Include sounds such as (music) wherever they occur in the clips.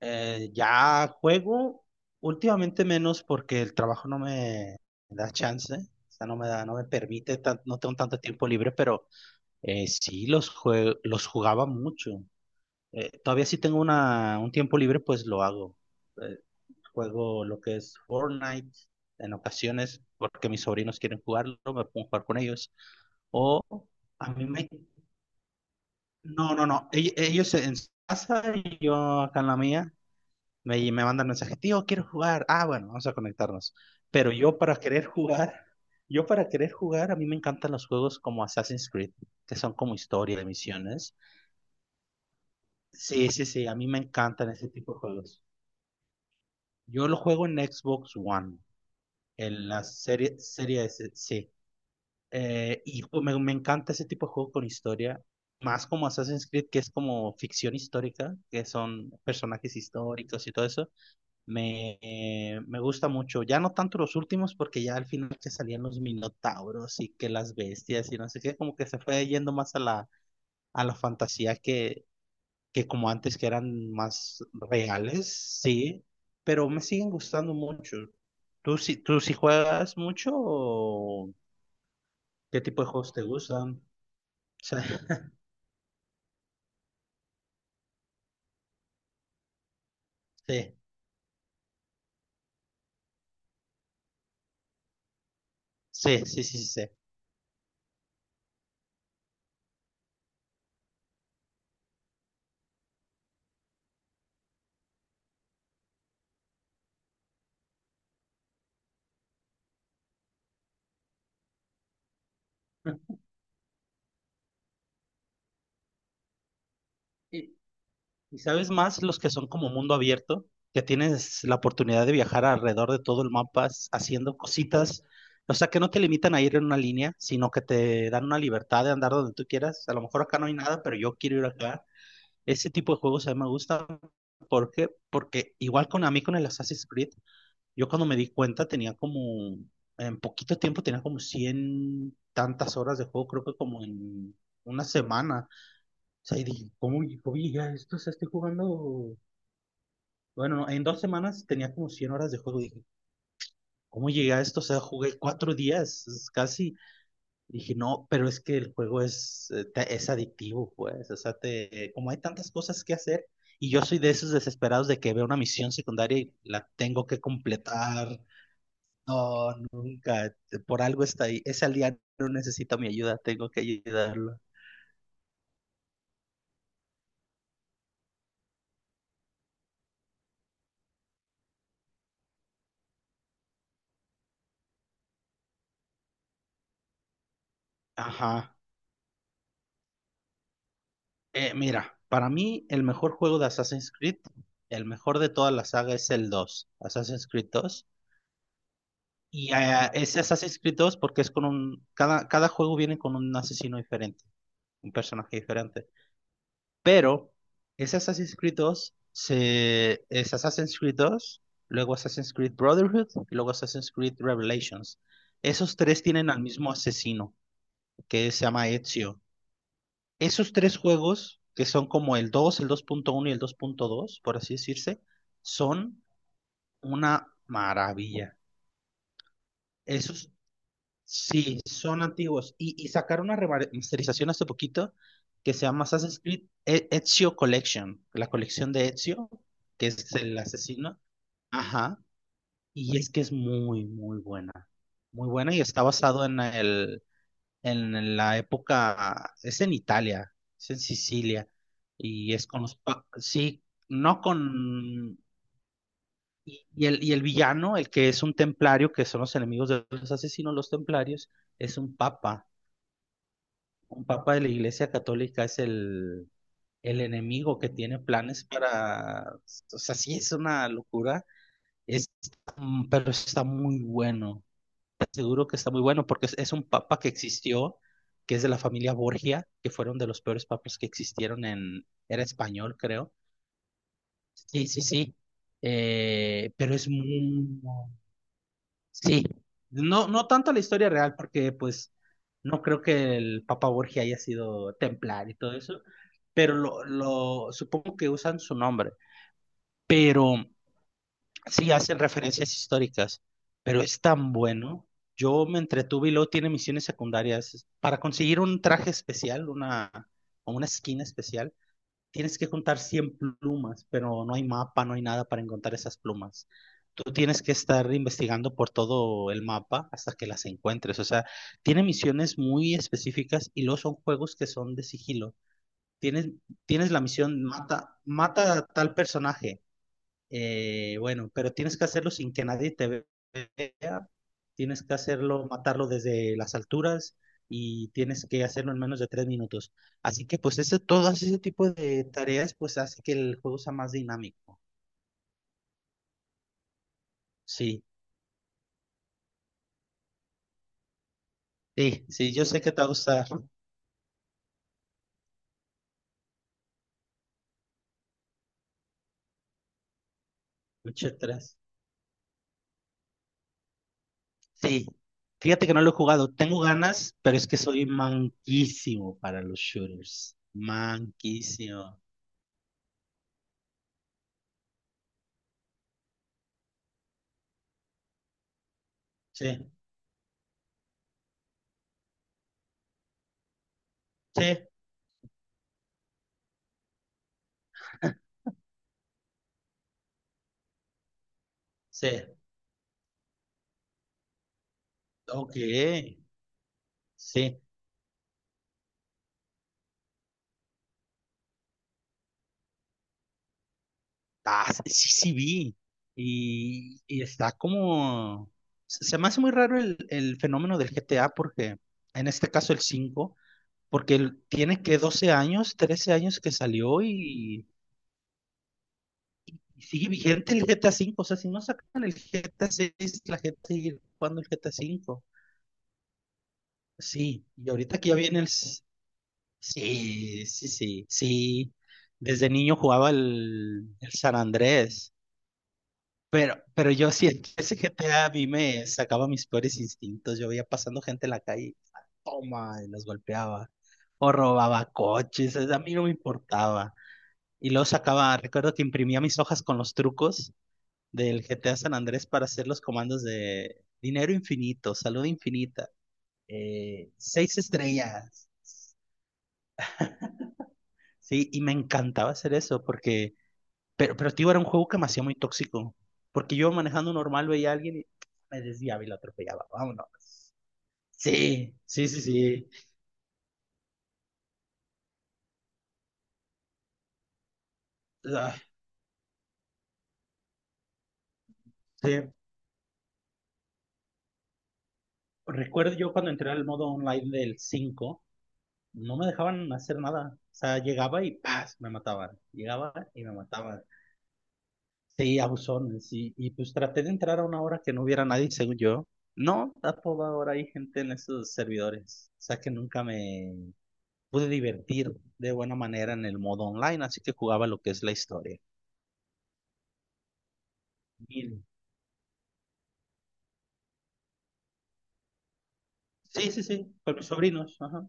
Ya juego últimamente menos porque el trabajo no me da chance, o sea, no me da, no me permite, no tengo tanto tiempo libre, pero sí los jugaba mucho. Todavía sí tengo un tiempo libre, pues lo hago. Eh, Juego lo que es Fortnite en ocasiones porque mis sobrinos quieren jugarlo, me pongo a jugar con ellos. O a mí me... No, no, no, ellos en su casa y yo acá en la mía. Me mandan mensajes, tío, quiero jugar. Ah, bueno, vamos a conectarnos. Pero yo para querer jugar, a mí me encantan los juegos como Assassin's Creed, que son como historia de misiones. Sí, sí, sí, a mí me encantan ese tipo de juegos. Yo lo juego en Xbox One, en la serie, serie S, sí. Y pues, me encanta ese tipo de juego con historia, más como Assassin's Creed, que es como ficción histórica, que son personajes históricos y todo eso. Me gusta mucho, ya no tanto los últimos, porque ya al final que salían los minotauros y que las bestias y no sé qué, como que se fue yendo más a la fantasía que como antes que eran más reales, sí, pero me siguen gustando mucho. ¿Tú sí juegas mucho o qué tipo de juegos te gustan? Sí, sí, sí, sí, sí, sí. Sí. (laughs) Y, Y sabes más, los que son como mundo abierto, que tienes la oportunidad de viajar alrededor de todo el mapa haciendo cositas, o sea, que no te limitan a ir en una línea, sino que te dan una libertad de andar donde tú quieras. A lo mejor acá no hay nada, pero yo quiero ir acá. Ese tipo de juegos a mí me gustan. ¿Por qué? Porque igual con a mí con el Assassin's Creed, yo cuando me di cuenta tenía como, en poquito tiempo tenía como 100 tantas horas de juego, creo que como en una semana. O sea, y dije, ¿cómo, cómo llegué a esto? O sea, estoy jugando bueno, no, en dos semanas tenía como 100 horas de juego. Dije, ¿cómo llegué a esto? O sea, jugué cuatro días, es casi. Dije, no, pero es que el juego es, es adictivo, pues. O sea, como hay tantas cosas que hacer, y yo soy de esos desesperados de que veo una misión secundaria y la tengo que completar. No, nunca. Por algo está ahí. Ese aliado necesita mi ayuda, tengo que ayudarlo. Ajá. Mira, para mí el mejor juego de Assassin's Creed, el mejor de toda la saga es el 2, Assassin's Creed 2. Y es Assassin's Creed 2 porque es con un. Cada juego viene con un asesino diferente, un personaje diferente. Pero es Assassin's Creed 2, es Assassin's Creed 2, luego Assassin's Creed Brotherhood y luego Assassin's Creed Revelations. Esos tres tienen al mismo asesino, que se llama Ezio. Esos tres juegos, que son como el dos punto uno y el dos punto 2 por así decirse, son una maravilla. Esos Sí, son antiguos. Y sacaron una remasterización hace poquito que se llama Assassin's Creed Ezio Collection, la colección de Ezio, que es el asesino. Ajá. Y es que es muy, muy buena. Muy buena y está basado en el, en la época, es en Italia, es en Sicilia. Y es con los, sí, no con... Y el villano, el que es un templario, que son los enemigos de los asesinos, los templarios, es un papa. Un papa de la Iglesia Católica es el enemigo que tiene planes para... O sea, sí es una locura, es, pero está muy bueno. Te aseguro que está muy bueno porque es un papa que existió, que es de la familia Borgia, que fueron de los peores papas que existieron en... Era español, creo. Sí, sí, sí. Pero es muy, sí, no, no tanto la historia real, porque pues no creo que el Papa Borgia haya sido templar y todo eso, pero lo supongo que usan su nombre, pero sí hacen referencias históricas, pero es tan bueno. Yo me entretuve y luego tiene misiones secundarias para conseguir un traje especial, una, o una skin especial tienes que juntar 100 plumas, pero no hay mapa, no hay nada para encontrar esas plumas. Tú tienes que estar investigando por todo el mapa hasta que las encuentres. O sea, tiene misiones muy específicas y luego son juegos que son de sigilo. Tienes, tienes la misión, mata, mata a tal personaje bueno, pero tienes que hacerlo sin que nadie te vea. Tienes que hacerlo, matarlo desde las alturas y tienes que hacerlo en menos de tres minutos. Así que pues ese, todo ese tipo de tareas pues hace que el juego sea más dinámico. Sí, sí, sí, yo sé que te va a gustar (laughs) mucho atrás. Sí, fíjate que no lo he jugado. Tengo ganas, pero es que soy manquísimo para los shooters. Manquísimo. Sí, sí, sí. Ok, sí. Ah, sí, sí sí vi. Y está como... Se me hace muy raro el fenómeno del GTA porque, en este caso el 5 porque tiene que 12 años, 13 años que salió y sigue vigente el GTA cinco. O sea, si no sacan el GTA seis la gente sigue jugando el GTA cinco. Sí, y ahorita que ya viene el... Sí, sí, sí, sí. Desde niño jugaba el San Andrés. Pero yo siento, ese GTA a mí me sacaba mis peores instintos. Yo veía pasando gente en la calle, ¡ah, toma, y los golpeaba. O robaba coches, a mí no me importaba. Y luego sacaba, recuerdo que imprimía mis hojas con los trucos del GTA San Andrés para hacer los comandos de dinero infinito, salud infinita, seis estrellas. Sí, y me encantaba hacer eso porque. Pero, tío, era un juego que me hacía muy tóxico. Porque yo manejando normal veía a alguien y me desviaba y lo atropellaba. Vámonos. Sí, sí, sí, sí. Ah, sí. Recuerdo yo cuando entré al modo online del 5 no me dejaban hacer nada. O sea, llegaba y ¡paz! Me mataban. Llegaba y me mataban. Sí, abusones. Y pues traté de entrar a una hora que no hubiera nadie, según yo. No, a toda hora hay gente en esos servidores. O sea que nunca me pude divertir de buena manera en el modo online, así que jugaba lo que es la historia. Y- Sí, sí, sí, con mis sobrinos. Ajá.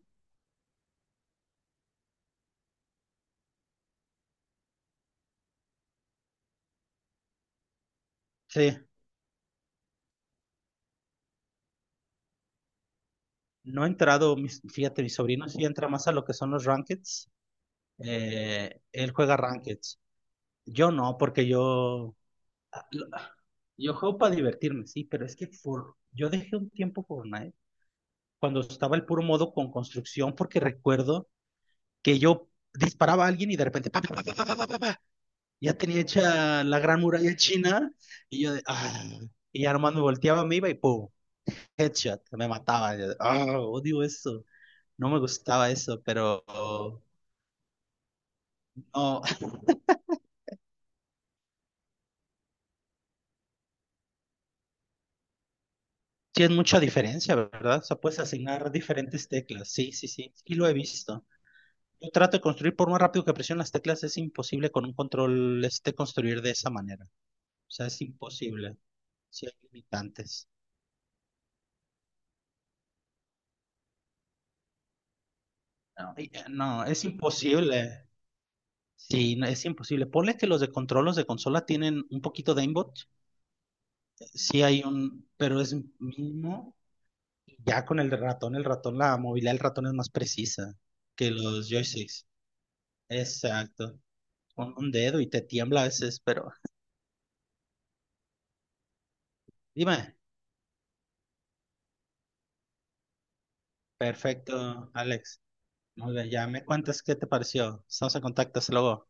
Sí, no he entrado, fíjate, mis sobrinos sí entra más a lo que son los rankeds. Él juega rankeds. Yo no, porque yo juego para divertirme, sí, pero es que yo dejé un tiempo Fortnite cuando estaba el puro modo con construcción, porque recuerdo que yo disparaba a alguien y de repente, ya tenía hecha la gran muralla china y yo de, ah, y ya nomás me volteaba, me iba y ¡pum! Headshot, me mataba. Yo de, ah, odio eso, no me gustaba eso, pero no, (laughs) tiene mucha diferencia, ¿verdad? O sea, puedes asignar diferentes teclas, sí, sí, sí, y lo he visto. Yo trato de construir por más rápido que presione las teclas, es imposible con un control este construir de esa manera. O sea, es imposible. Sí, hay limitantes. No, no, es imposible. Sí, no, es imposible. Ponle que los de control, los de consola tienen un poquito de aimbot. Sí hay un, pero es mínimo. Ya con el ratón, la movilidad del ratón es más precisa que los joysticks. Exacto. Un dedo y te tiembla a veces, pero dime. Perfecto, Alex. Muy bien, ya me cuentas qué te pareció. Estamos en contacto, hasta luego.